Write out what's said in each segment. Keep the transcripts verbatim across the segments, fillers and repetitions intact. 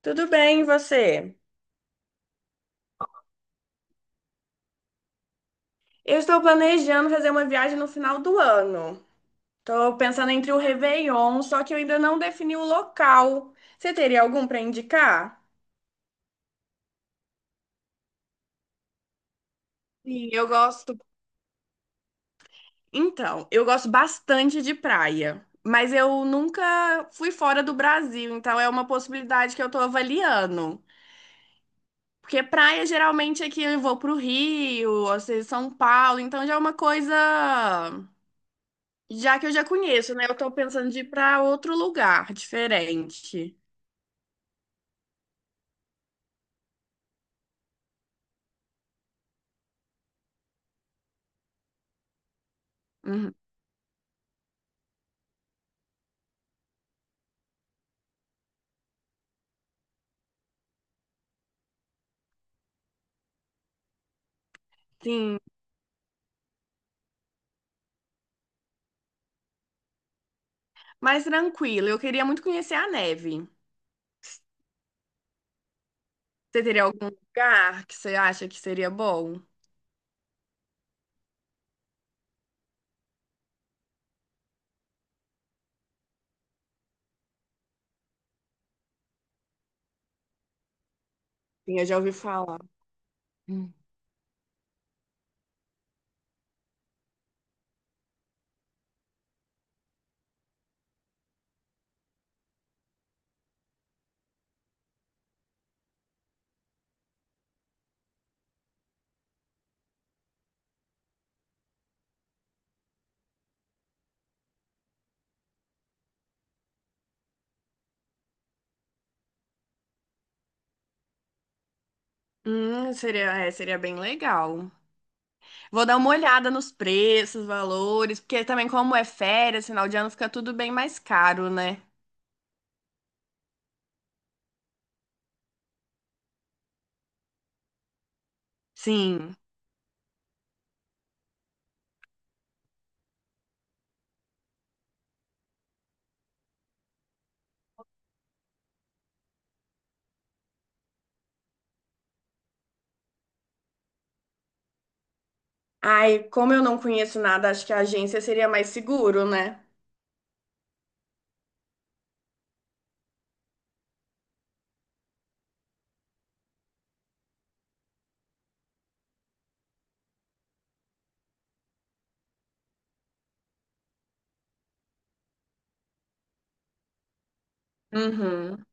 Tudo bem, e você? Eu estou planejando fazer uma viagem no final do ano. Estou pensando entre o Réveillon, só que eu ainda não defini o local. Você teria algum para indicar? Sim, eu gosto. Então, eu gosto bastante de praia, mas eu nunca fui fora do Brasil, então é uma possibilidade que eu estou avaliando. Porque praia geralmente aqui eu vou para o Rio, ou seja, São Paulo, então já é uma coisa. Já que eu já conheço, né? Eu tô pensando de ir pra outro lugar diferente. Uhum. Sim, mais tranquilo. Eu queria muito conhecer a neve. Você teria algum lugar que você acha que seria bom? Sim, eu já ouvi falar. Hum, Hum, seria, é, seria bem legal. Vou dar uma olhada nos preços, valores, porque também como é férias, final de ano fica tudo bem mais caro, né? Sim. Ai, como eu não conheço nada, acho que a agência seria mais seguro, né? Uhum.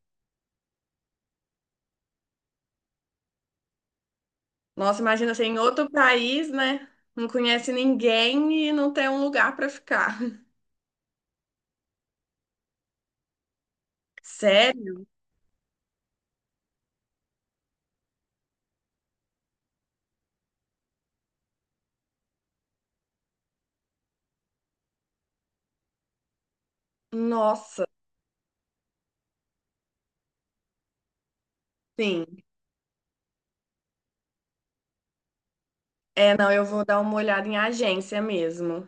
Nossa, imagina você em outro país, né? Não conhece ninguém e não tem um lugar pra ficar. Sério? Nossa, sim. É, não, eu vou dar uma olhada em agência mesmo,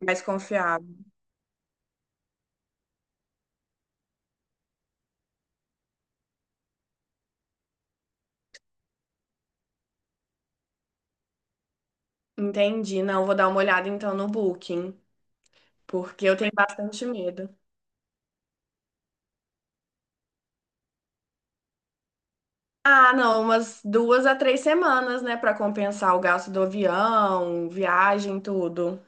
mais confiável. Entendi. Não, vou dar uma olhada então no Booking, porque eu tenho bastante medo. Ah, não, umas duas a três semanas, né, pra compensar o gasto do avião, viagem, tudo.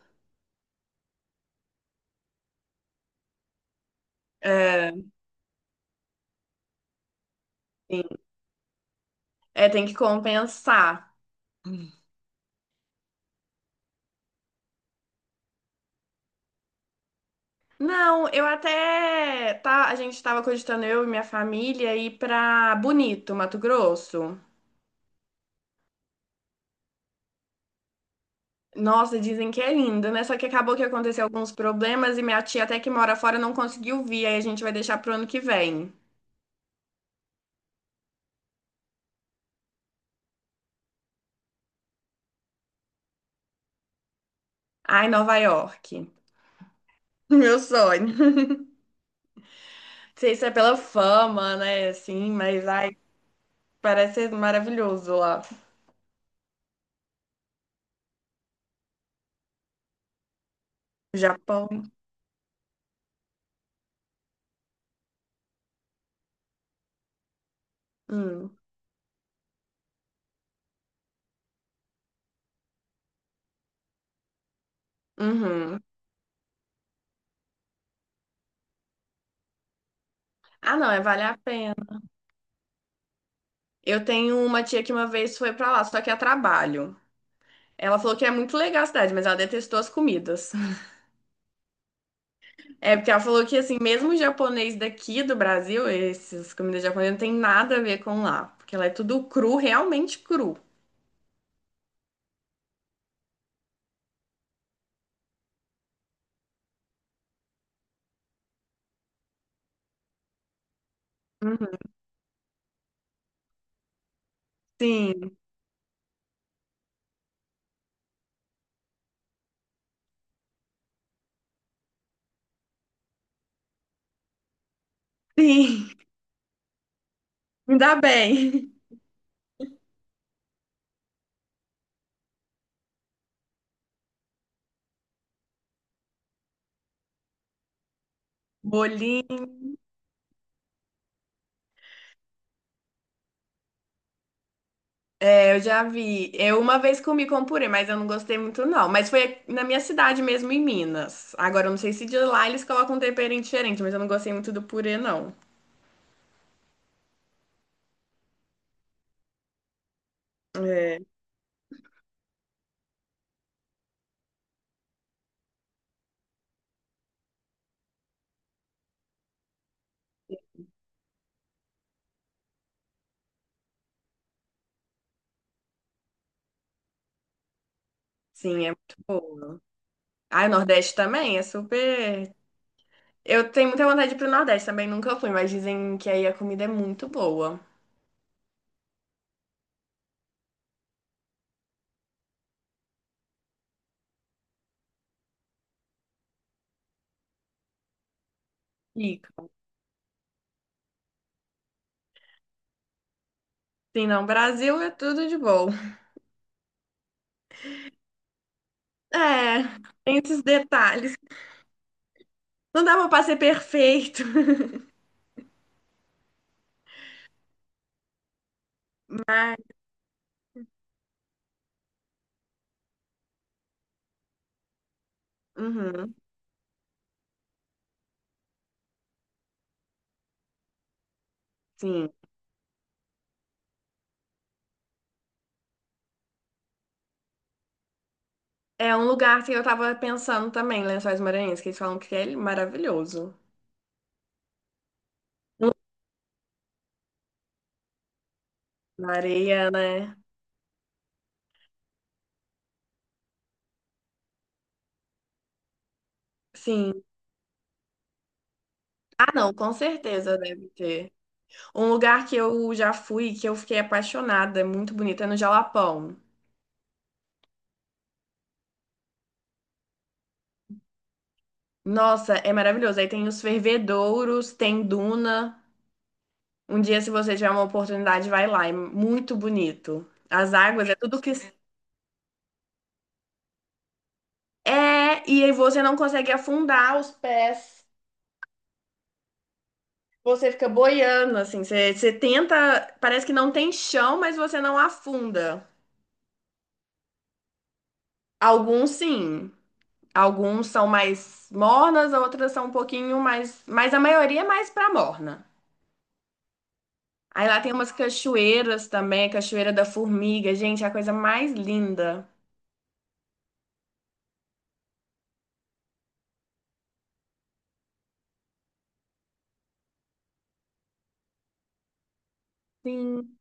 É, sim. É, tem que compensar. Não, eu até tá, a gente estava cogitando eu e minha família ir pra Bonito, Mato Grosso. Nossa, dizem que é lindo, né? Só que acabou que aconteceu alguns problemas e minha tia até que mora fora não conseguiu vir, aí a gente vai deixar pro ano que vem. Ai, Nova York. Meu sonho. Não sei se é pela fama, né? Assim, mas ai, parece ser maravilhoso lá. Japão. Hum. Uhum. Ah, não, é vale a pena. Eu tenho uma tia que uma vez foi pra lá, só que a trabalho. Ela falou que é muito legal a cidade, mas ela detestou as comidas. É porque ela falou que, assim, mesmo o japonês daqui do Brasil, essas comidas japonesas não tem nada a ver com lá. Porque ela é tudo cru, realmente cru. Uhum. Sim, sim, ainda bem. Bolinho, é, eu já vi. Eu uma vez comi com purê, mas eu não gostei muito, não. Mas foi na minha cidade mesmo, em Minas. Agora, eu não sei se de lá eles colocam um tempero diferente, mas eu não gostei muito do purê, não. É. Sim, é muito bom. Ah, o Nordeste também é super. Eu tenho muita vontade de ir pro Nordeste também, nunca fui, mas dizem que aí a comida é muito boa. Fica. Sim, não, Brasil é tudo de bom. É, tem esses detalhes. Não dava pra ser perfeito. Uhum, sim. É um lugar que eu tava pensando também, Lençóis Maranhenses, que eles falam que é maravilhoso. Na areia, né? Sim. Ah, não, com certeza deve ter. Um lugar que eu já fui, que eu fiquei apaixonada, é muito bonito, é no Jalapão. Nossa, é maravilhoso. Aí tem os fervedouros, tem duna. Um dia, se você tiver uma oportunidade, vai lá. É muito bonito. As águas é tudo que. É, e aí você não consegue afundar os pés. Você fica boiando, assim. Você, você tenta. Parece que não tem chão, mas você não afunda. Alguns sim. Alguns são mais mornas, outras são um pouquinho mais. Mas a maioria é mais pra morna. Aí lá tem umas cachoeiras também, Cachoeira da Formiga. Gente, é a coisa mais linda. Sim.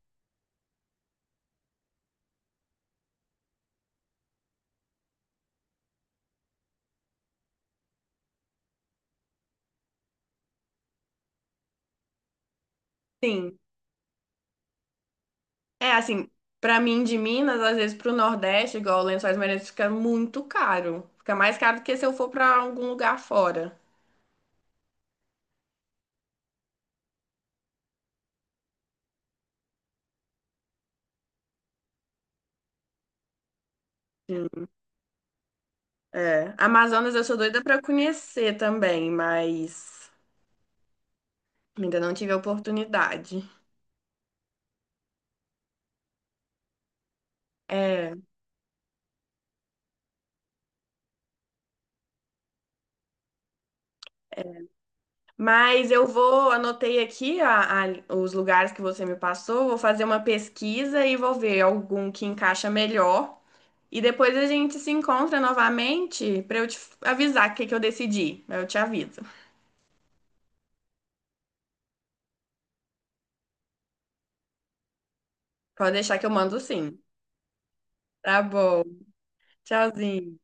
Sim. É assim, pra mim de Minas, às vezes pro Nordeste, igual Lençóis Maranhenses, fica muito caro. Fica mais caro do que se eu for pra algum lugar fora. Sim. É. Amazonas eu sou doida pra conhecer também, mas ainda não tive a oportunidade. É. Mas eu vou, anotei aqui a- a- os lugares que você me passou, vou fazer uma pesquisa e vou ver algum que encaixa melhor. E depois a gente se encontra novamente para eu te avisar o que que eu decidi. Eu te aviso. Pode deixar que eu mando sim. Tá bom. Tchauzinho.